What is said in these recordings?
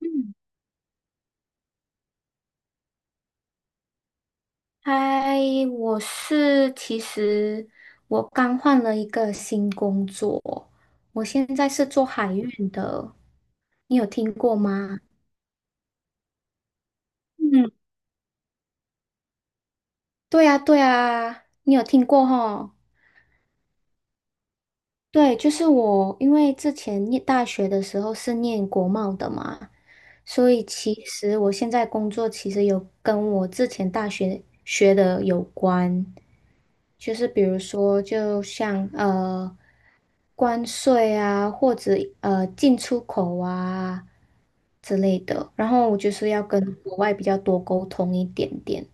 嗯，嗨，其实我刚换了一个新工作，我现在是做海运的，你有听过吗？嗯，对呀，对呀，你有听过吼？对，就是我，因为之前念大学的时候是念国贸的嘛，所以其实我现在工作其实有跟我之前大学学的有关。就是比如说，就像关税啊，或者进出口啊之类的。然后我就是要跟国外比较多沟通一点点。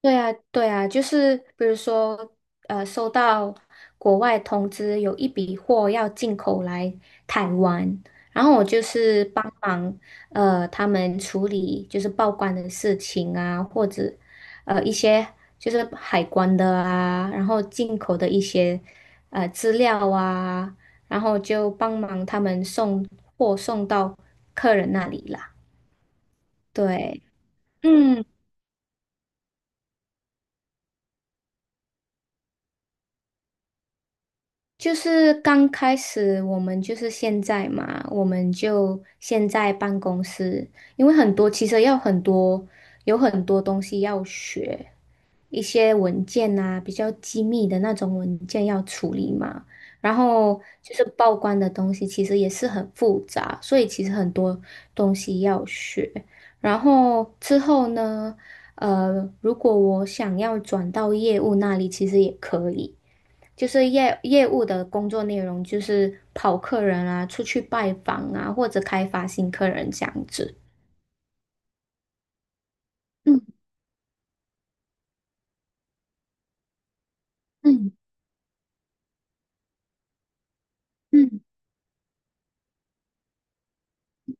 对啊，对啊，就是比如说，收到国外通知有一笔货要进口来台湾，然后我就是帮忙他们处理就是报关的事情啊，或者一些就是海关的啊，然后进口的一些资料啊，然后就帮忙他们送货送到客人那里啦。对，就是刚开始我们就是现在嘛，我们就现在办公室，因为很多其实要很多有很多东西要学，一些文件啊，比较机密的那种文件要处理嘛，然后就是报关的东西其实也是很复杂，所以其实很多东西要学。然后之后呢，如果我想要转到业务那里，其实也可以。就是业务的工作内容就是跑客人啊，出去拜访啊，或者开发新客人这样子。嗯嗯嗯。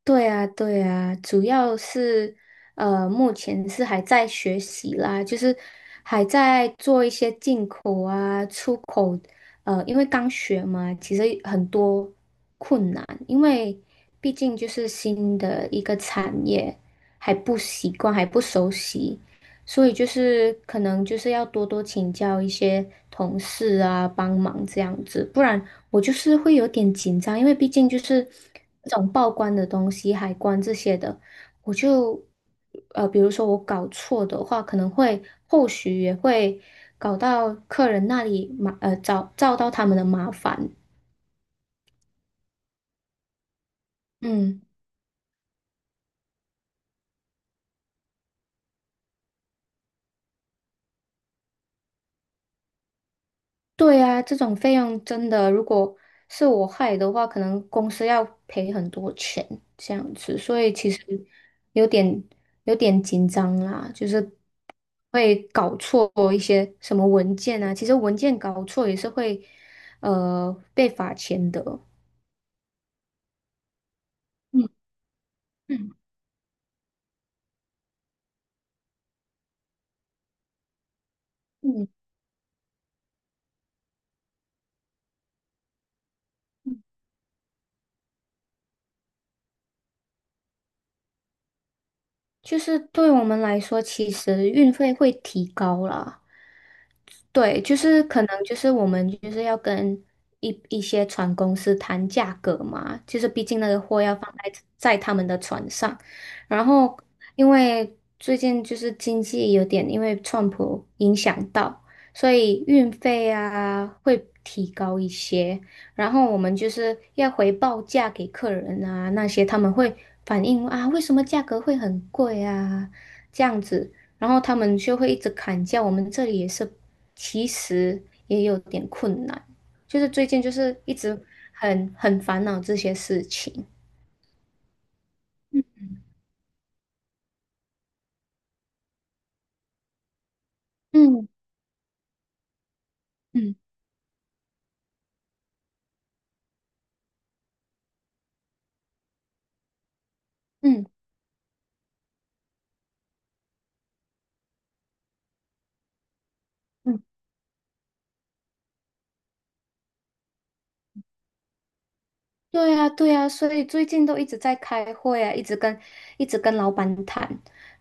对啊，对啊，主要是目前是还在学习啦，就是还在做一些进口啊、出口，因为刚学嘛，其实很多困难，因为毕竟就是新的一个产业，还不习惯，还不熟悉，所以就是可能就是要多多请教一些同事啊，帮忙这样子，不然。我就是会有点紧张，因为毕竟就是这种报关的东西、海关这些的，我就比如说我搞错的话，可能会后续也会搞到客人那里找到他们的麻烦。嗯。对啊，这种费用真的，如果是我害的话，可能公司要赔很多钱这样子，所以其实有点有点紧张啦，就是会搞错一些什么文件啊，其实文件搞错也是会被罚钱的。嗯嗯嗯，就是对我们来说，其实运费会提高啦。对，就是可能就是我们就是要跟一些船公司谈价格嘛，就是毕竟那个货要放在他们的船上，然后因为最近就是经济有点因为川普影响到，所以运费啊会提高一些，然后我们就是要回报价给客人啊那些他们会反映啊为什么价格会很贵啊这样子。然后他们就会一直砍价，我们这里也是其实也有点困难，就是最近就是一直很烦恼这些事情。嗯嗯嗯嗯，对呀对呀，所以最近都一直在开会啊，一直跟老板谈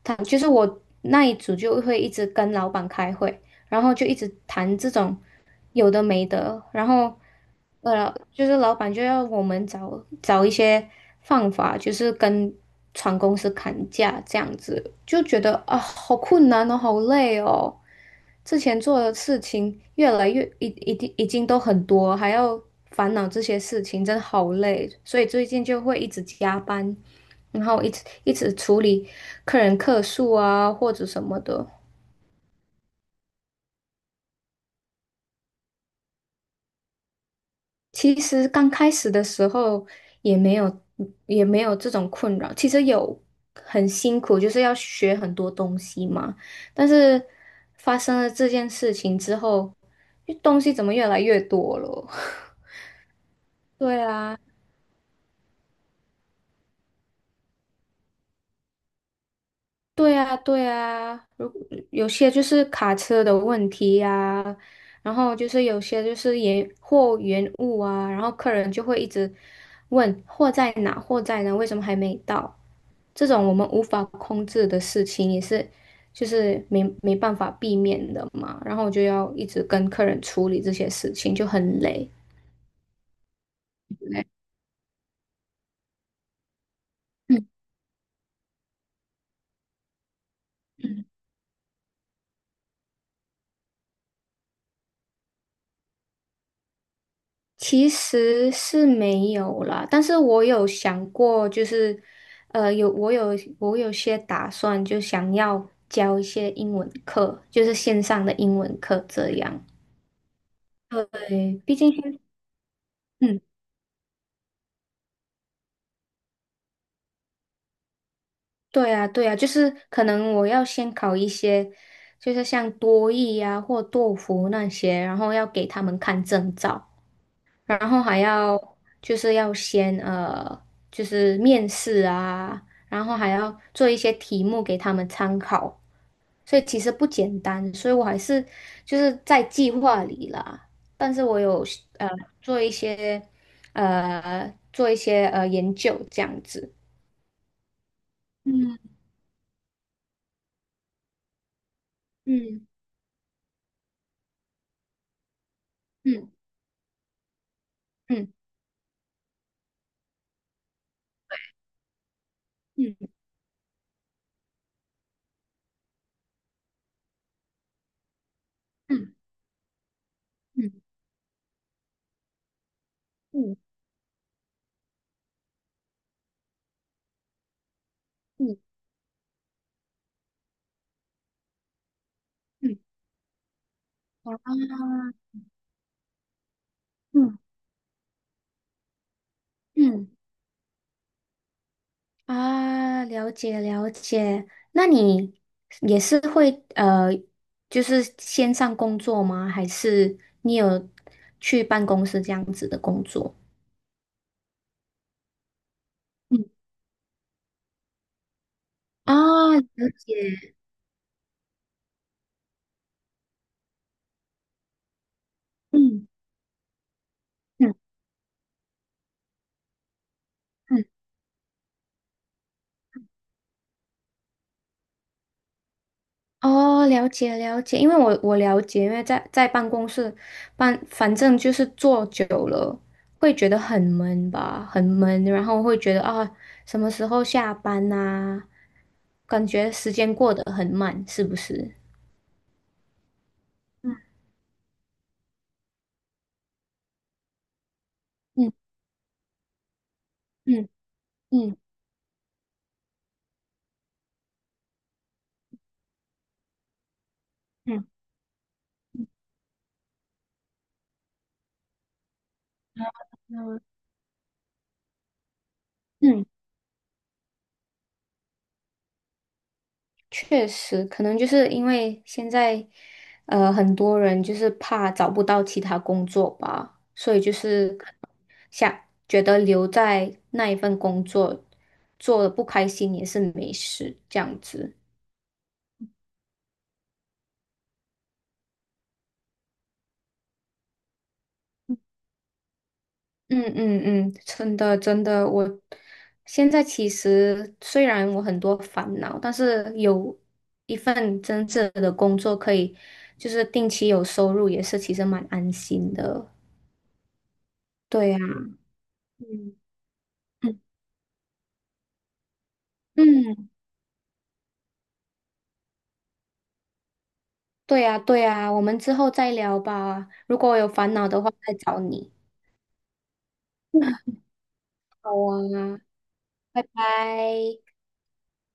谈，就是我那一组就会一直跟老板开会，然后就一直谈这种有的没的，然后就是老板就要我们找一些方法，就是跟船公司砍价这样子，就觉得啊，好困难哦，好累哦。之前做的事情越来越一定已经都很多，还要烦恼这些事情，真的好累。所以最近就会一直加班，然后一直一直处理客人客诉啊或者什么的。其实刚开始的时候也没有也没有这种困扰，其实有很辛苦，就是要学很多东西嘛。但是发生了这件事情之后，东西怎么越来越多了？对啊，对啊，对啊。有些就是卡车的问题呀、然后就是有些就是延货延误啊，然后客人就会一直问货在哪，货在哪，为什么还没到？这种我们无法控制的事情也是，就是没办法避免的嘛。然后我就要一直跟客人处理这些事情，就很累。嗯其实是没有啦，但是我有想过，就是，呃，有我有我有些打算，就想要教一些英文课，就是线上的英文课这样。对，毕竟嗯，对啊，对啊，就是可能我要先考一些，就是像多益呀或托福那些，然后要给他们看证照。然后还要就是要先就是面试啊，然后还要做一些题目给他们参考，所以其实不简单，所以我还是就是在计划里啦，但是我有呃做一些研究这样子，嗯嗯嗯嗯嗯嗯嗯嗯嗯嗯，嗯好啊嗯嗯。啊，了解了解。那你也是会就是线上工作吗？还是你有去办公室这样子的工作？嗯啊，了解。嗯嗯嗯，哦，了解了解。因为我了解，因为在办公室反正就是坐久了会觉得很闷吧，很闷，然后会觉得啊，什么时候下班呐、感觉时间过得很慢，是不是？嗯嗯嗯嗯嗯嗯嗯，确实，可能就是因为现在，很多人就是怕找不到其他工作吧，所以就是可能想觉得留在那一份工作做的不开心也是没事，这样子。嗯嗯嗯，真的真的，我现在其实虽然我很多烦恼，但是有一份真正的工作可以，就是定期有收入，也是其实蛮安心的。对呀，嗯嗯嗯，对呀对呀，我们之后再聊吧。如果我有烦恼的话，再找你。好啊，拜拜。